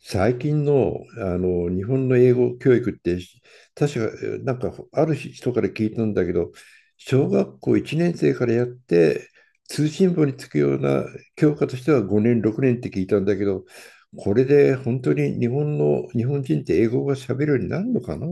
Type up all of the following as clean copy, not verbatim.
最近の、日本の英語教育って、確か、ある人から聞いたんだけど、小学校1年生からやって、通信簿につくような教科としては5年6年って聞いたんだけど、これで本当に日本の日本人って英語が喋るようになるのかな。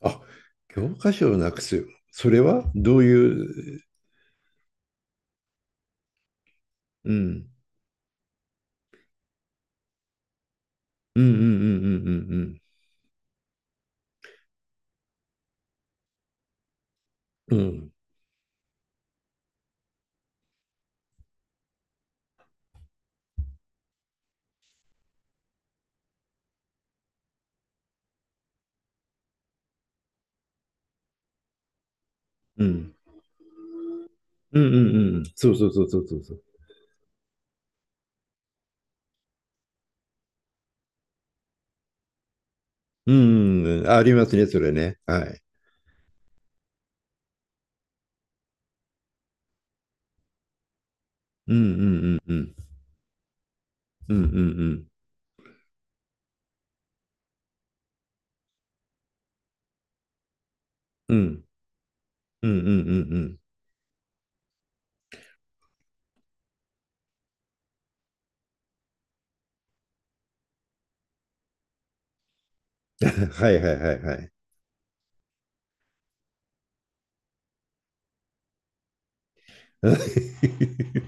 あ、教科書をなくす、それはどういう、うん、うんうんうんうんうんうんうんうんうんうんうん、そうそうそうそうそうそう、うんうんうん、ありますね、それね。はい。うんうんうんうん。うんうんうん。うんうんうんうんうんうんうんうんうんうんうん、はいはいはいはい。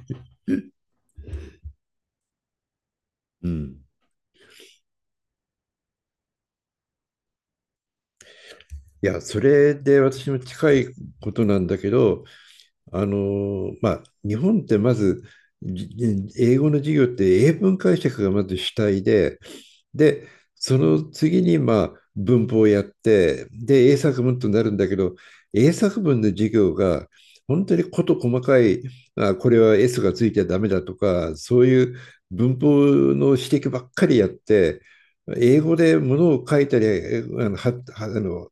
うん。いや、それで私も近いことなんだけど、あのまあ、日本ってまず、じ英語の授業って英文解釈がまず主体で、で、その次にまあ文法をやって、で、英作文となるんだけど、英作文の授業が本当に事細かい、あ、これは S がついてはダメだとか、そういう文法の指摘ばっかりやって、英語でものを書いたり、えあの、は、はあの、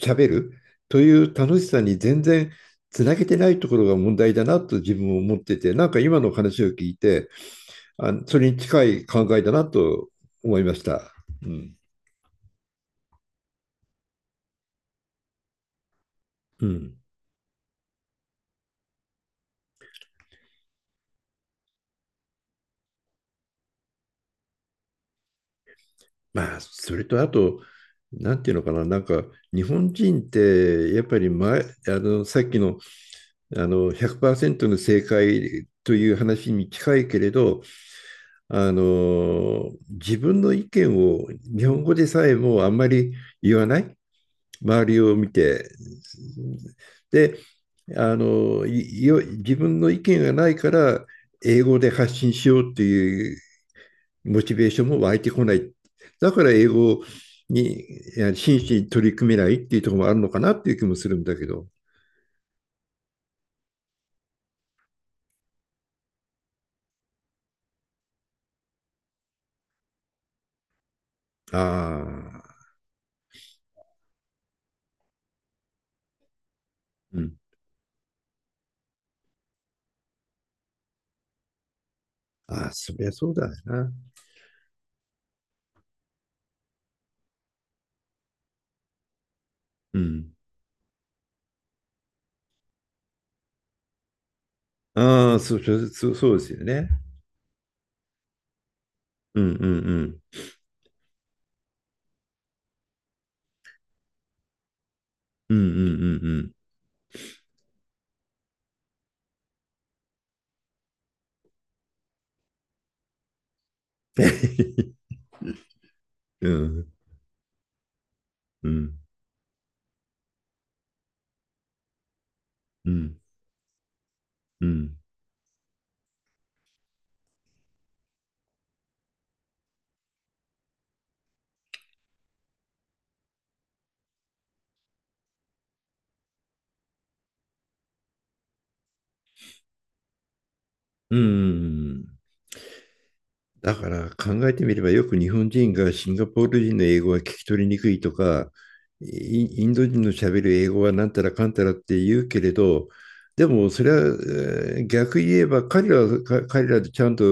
喋るという楽しさに全然つなげてないところが問題だなと自分も思ってて、なんか今の話を聞いて、あのそれに近い考えだなと思いました。うん。うん。まあ、それとあと、なんていうのかな、なんか日本人ってやっぱり前、あのさっきの、あの100%の正解という話に近いけれど、あの自分の意見を日本語でさえもあんまり言わない、周りを見て。で、あの、自分の意見がないから、英語で発信しようっていうモチベーションも湧いてこない。だから英語に真摯に取り組めないっていうところもあるのかなっていう気もするんだけど。ああ、うん。ああ、そりゃそうだよな。うん。ああ、そう、そうそうそうですよね。うんうんうん。うんうんうんうん。うんうんうんうん。うんうんうん。だから考えてみればよく日本人がシンガポール人の英語は聞き取りにくいとか、イインド人の喋る英語はなんたらかんたらって言うけれど、でもそれは、えー逆言えば彼らは彼らでちゃんと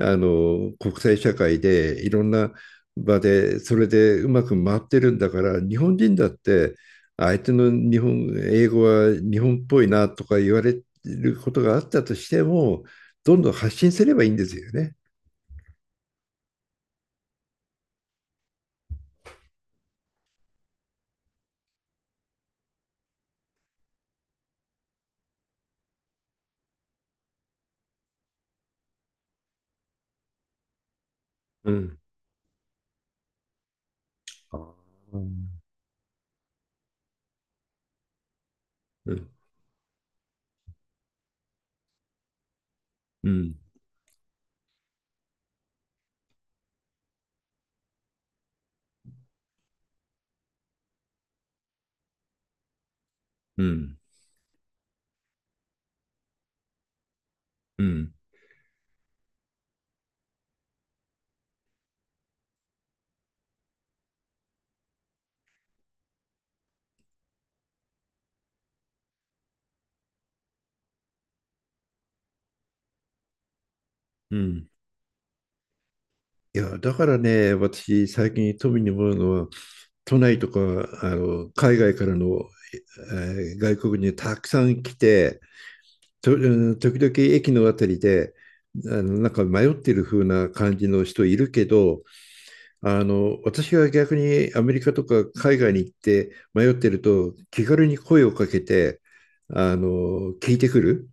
あの国際社会でいろんな場でそれでうまく回ってるんだから、日本人だって相手の日本英語は日本っぽいなとか言われることがあったとしても、どんどん発信すればいいんですよね。うん、あー、うん、うん、うん、うん、うん。いや、だからね、私、最近富に思うのは、都内とか、あの、海外からの、えー外国にたくさん来て、と、うん、時々駅のあたりで、あの、なんか迷ってる風な感じの人いるけど、あの、私が逆にアメリカとか海外に行って迷ってると、気軽に声をかけて、あの、聞いてくる。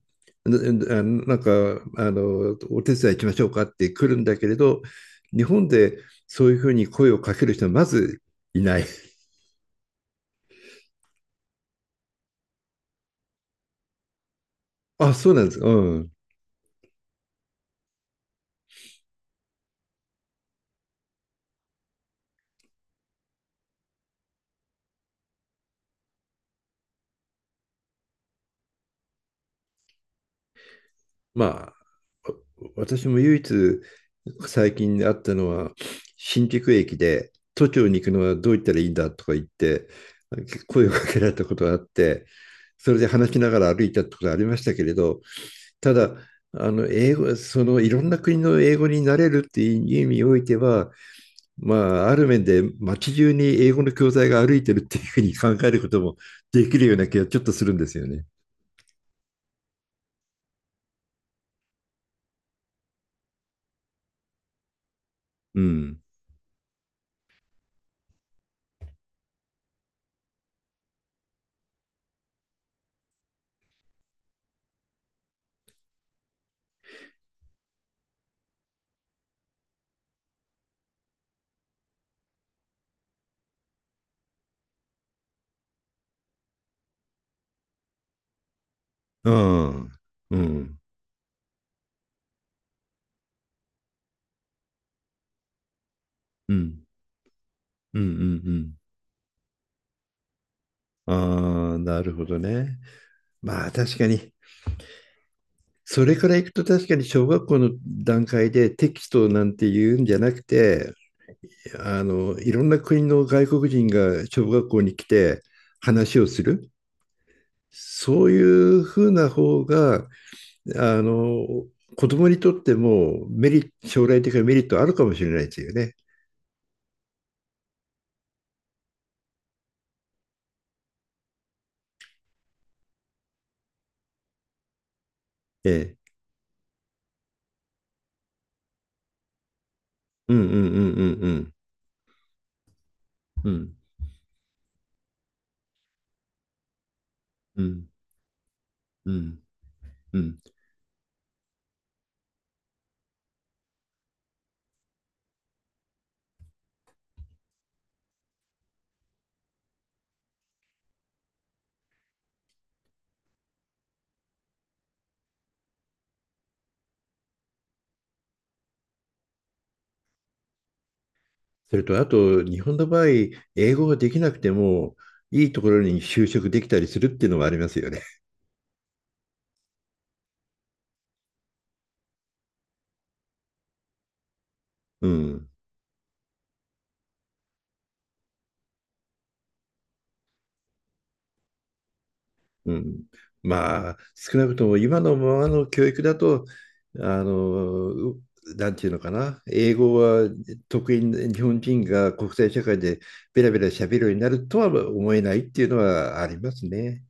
な、ななんか、あの、お手伝い行きましょうかって来るんだけれど、日本でそういうふうに声をかける人はまずいない。あ、そうなんです。うん。ま私も唯一最近あったのは、新宿駅で都庁に行くのはどう行ったらいいんだとか言って、声をかけられたことがあって、それで話しながら歩いたってことがありましたけれど、ただ、あの英語、そのいろんな国の英語になれるっていう意味においては、まあ、ある面で街中に英語の教材が歩いてるっていうふうに考えることもできるような気がちょっとするんですよね。うん。うん。うん。うん。うん。うん。うん。ああ、なるほどね。まあ確かに、それからいくと確かに小学校の段階でテキストなんて言うんじゃなくて、あの、いろんな国の外国人が小学校に来て話をする。そういうふうな方が、あの、子供にとってもメリット、将来的なメリットあるかもしれないですよね。ええ。うんうんうんうんうん。うんうんうんうん。それと、あと、日本の場合、英語ができなくても、いいところに就職できたりするっていうのもありますよね。うん。うん。まあ、少なくとも今のままの教育だと、あの、なんていうのかな、英語は得意な日本人が国際社会でベラベラ喋るようになるとは思えないっていうのはありますね。